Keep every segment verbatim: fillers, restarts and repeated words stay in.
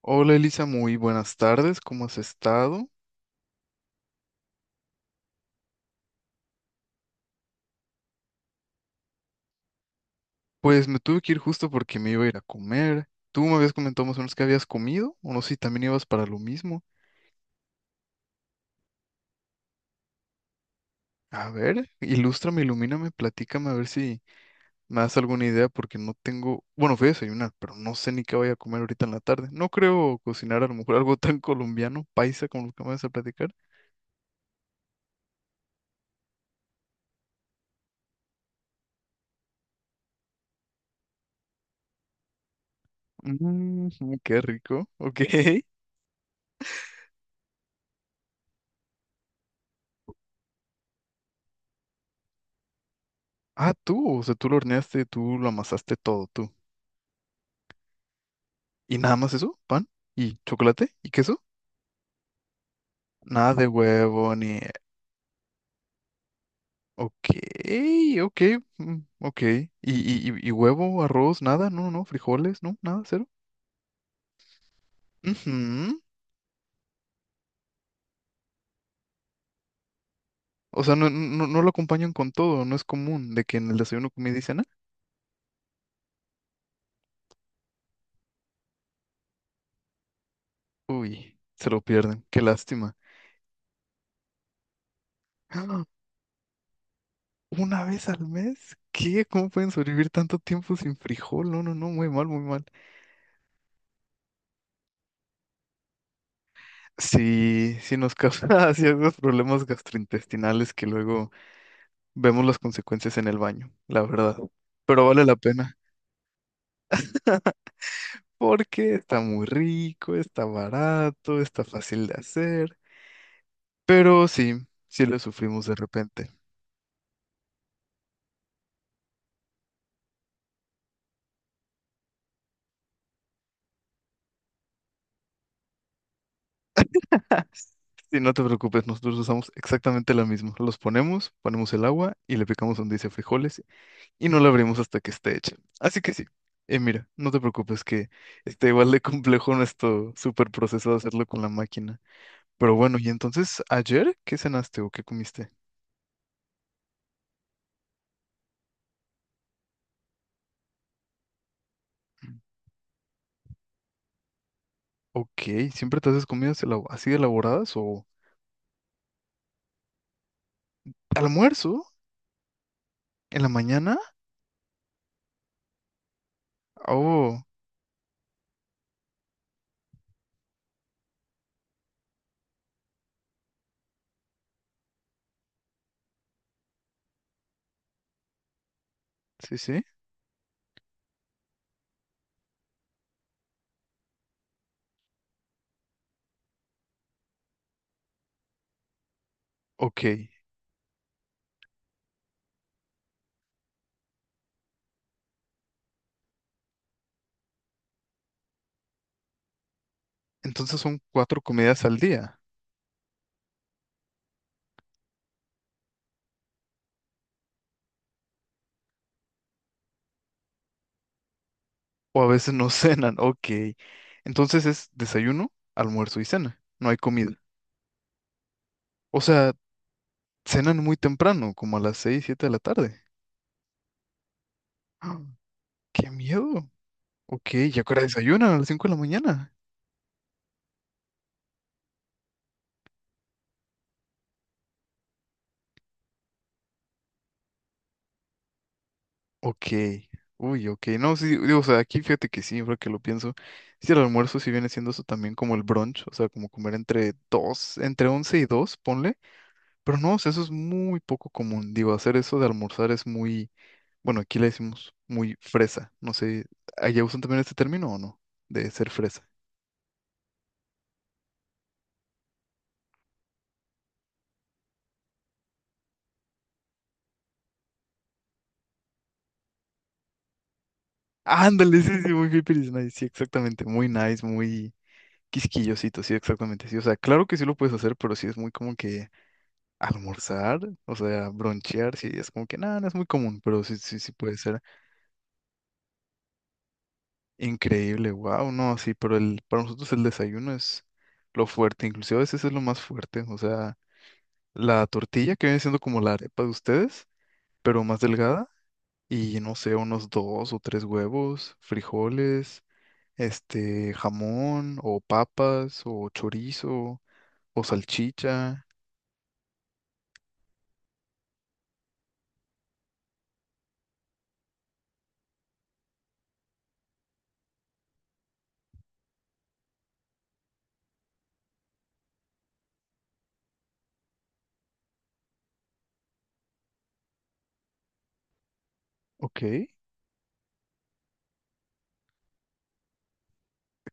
Hola Elisa, muy buenas tardes, ¿cómo has estado? Pues me tuve que ir justo porque me iba a ir a comer. Tú me habías comentado más o menos que habías comido, o no sé si también ibas para lo mismo. A ver, ilústrame, ilumíname, platícame, a ver si me das alguna idea, porque no tengo. Bueno, fui a desayunar, pero no sé ni qué voy a comer ahorita en la tarde. No creo cocinar a lo mejor algo tan colombiano, paisa, como lo que me vas a platicar. Mmm, qué rico, ok. Ah, tú, o sea, tú lo horneaste, tú lo amasaste todo, tú. Y nada más eso, pan y chocolate y queso. Nada de huevo ni... Ok, ok, mm, ok. ¿Y, y, y- y huevo, arroz, nada? No, no, frijoles, no, nada, cero. Ujú. O sea, no, no, no no lo acompañan con todo, no es común de que en el desayuno, comida y cena. Uy, se lo pierden, qué lástima. ¡Ah! ¿Una vez al mes? ¿Qué? ¿Cómo pueden sobrevivir tanto tiempo sin frijol? No, no, no, muy mal, muy mal. Sí, sí nos causa ciertos problemas gastrointestinales que luego vemos las consecuencias en el baño, la verdad. Pero vale la pena. Porque está muy rico, está barato, está fácil de hacer. Pero sí, sí lo sufrimos de repente. Y no te preocupes, nosotros usamos exactamente la misma. Los ponemos, ponemos el agua y le picamos donde dice frijoles y no la abrimos hasta que esté hecha. Así que sí. Eh, mira, no te preocupes que está igual de complejo nuestro super proceso de hacerlo con la máquina. Pero bueno, ¿y entonces ayer qué cenaste o qué comiste? Ok, ¿siempre te haces comidas elabo- así de elaboradas o almuerzo en la mañana? Oh, sí, sí. Ok, entonces son cuatro comidas al día o a veces no cenan. Ok, entonces es desayuno, almuerzo y cena. No hay comida. O sea, cenan muy temprano, como a las seis, siete de la tarde. ¡Ah! ¡Qué miedo! Ok, ¿y ahora desayunan a las cinco de la mañana? Ok, uy, ok, no, sí, digo, o sea, aquí fíjate que sí, ahora que lo pienso, sí, el almuerzo sí viene siendo eso también como el brunch, o sea, como comer entre dos, entre once y dos, ponle, pero no, o sea, eso es muy poco común, digo, hacer eso de almorzar es muy, bueno, aquí le decimos muy fresa, no sé, ¿allá usan también este término o no? De ser fresa. Ándale, sí, sí, muy hippie is nice, sí, exactamente, muy nice, muy quisquillosito, sí, exactamente, sí, o sea, claro que sí lo puedes hacer, pero sí es muy como que almorzar, o sea, bronchear, sí, es como que nada, no es muy común, pero sí, sí, sí puede ser increíble, wow, no, sí, pero el, para nosotros el desayuno es lo fuerte, inclusive a veces es lo más fuerte, o sea, la tortilla que viene siendo como la arepa de ustedes, pero más delgada, y no sé, unos dos o tres huevos, frijoles, este, jamón, o papas, o chorizo, o salchicha, ok,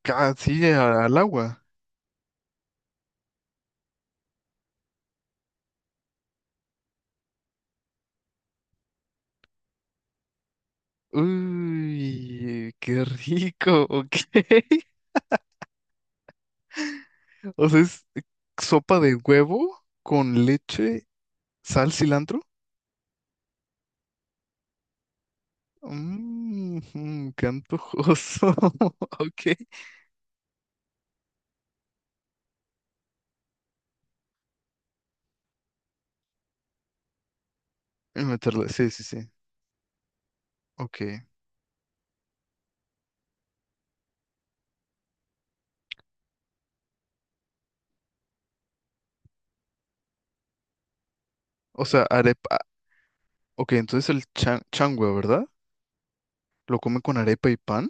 ca- sí, a- al agua. Uy, qué rico, ok. O sea, es sopa de huevo con leche, sal, cilantro. Mmm, qué antojoso. Ok. Y meterle, sí, sí, sí. Ok. O sea, arepa. Ok, entonces el chan, changua, ¿verdad? Lo come con arepa y pan.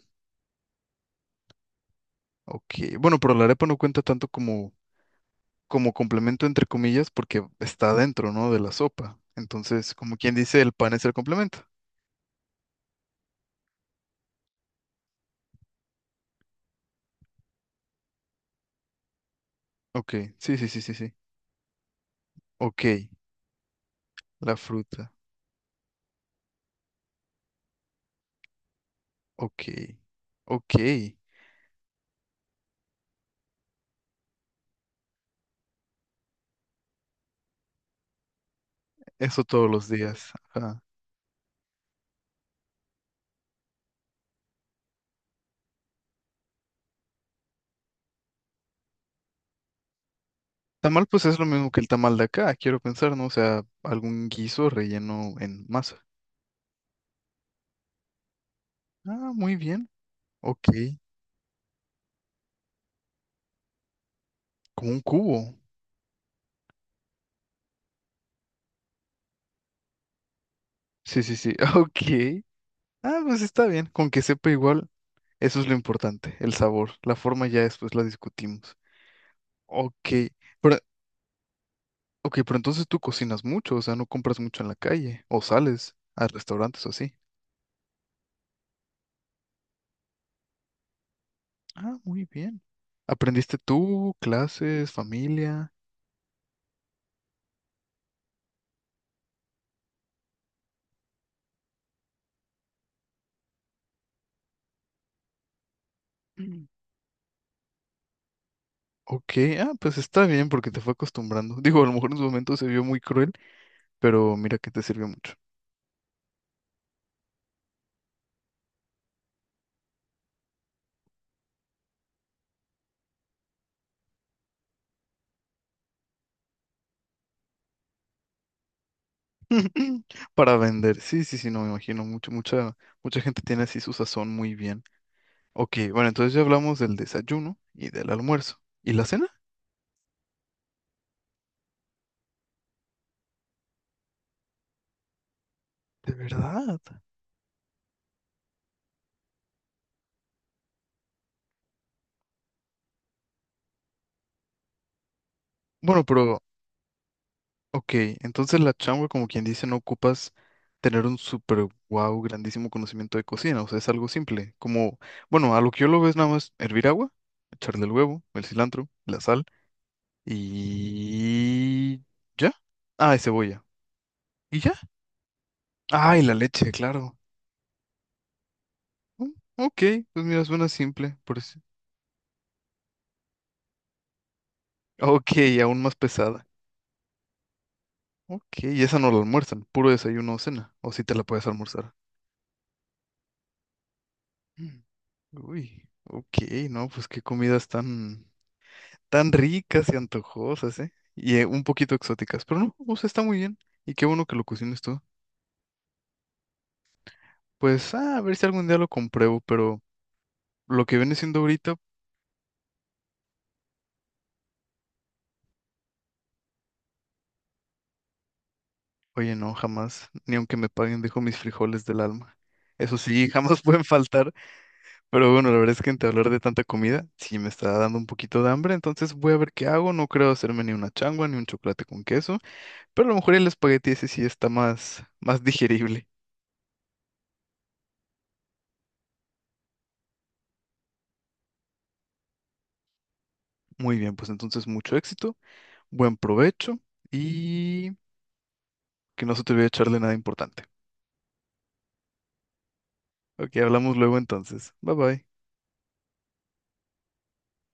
Ok. Bueno, pero la arepa no cuenta tanto como, como complemento, entre comillas, porque está dentro, ¿no? De la sopa. Entonces, como quien dice, el pan es el complemento. Ok, sí, sí, sí, sí, sí. Ok, la fruta. Ok, ok. Eso todos los días. Ajá. Tamal, pues es lo mismo que el tamal de acá, quiero pensar, ¿no? O sea, algún guiso relleno en masa. Ah, muy bien. Ok, como un cubo. Sí, sí, sí. Ok. Ah, pues está bien. Con que sepa igual, eso es lo importante, el sabor. La forma ya después la discutimos. Ok, pero, ok, pero entonces tú cocinas mucho, o sea, no compras mucho en la calle, o sales a restaurantes o así. Ah, muy bien. ¿Aprendiste tú, clases, familia? Mm. Ok, ah, pues está bien porque te fue acostumbrando. Digo, a lo mejor en su momento se vio muy cruel, pero mira que te sirvió mucho. Para vender. Sí, sí, sí, no me imagino. Mucho, mucha, mucha gente tiene así su sazón muy bien. Ok, bueno, entonces ya hablamos del desayuno y del almuerzo. ¿Y la cena? De verdad. Bueno, pero ok, entonces la changua, como quien dice, no ocupas tener un super wow, grandísimo conocimiento de cocina, o sea, es algo simple, como, bueno, a lo que yo lo veo es nada más hervir agua, echarle el huevo, el cilantro, la sal y... ¿Ya? Ah, y cebolla. ¿Y ya? Ah, y la leche, claro. Mm, ok, pues mira, suena simple, por eso. Ok, aún más pesada. Ok, y esa no la almuerzan, puro desayuno o cena, o si te la puedes almorzar. Mm. Uy, ok, no, pues qué comidas tan... tan ricas y antojosas, ¿eh? Y eh, un poquito exóticas, pero no, o sea, está muy bien. Y qué bueno que lo cocines tú. Pues, ah, a ver si algún día lo compruebo, pero lo que viene siendo ahorita, oye, no, jamás, ni aunque me paguen, dejo mis frijoles del alma. Eso sí, jamás pueden faltar, pero bueno, la verdad es que entre hablar de tanta comida, sí me está dando un poquito de hambre, entonces voy a ver qué hago, no creo hacerme ni una changua, ni un chocolate con queso, pero a lo mejor el espagueti ese sí está más, más digerible. Muy bien, pues entonces mucho éxito. Buen provecho y que no se te olvide echarle nada importante. Ok, hablamos luego entonces. Bye bye.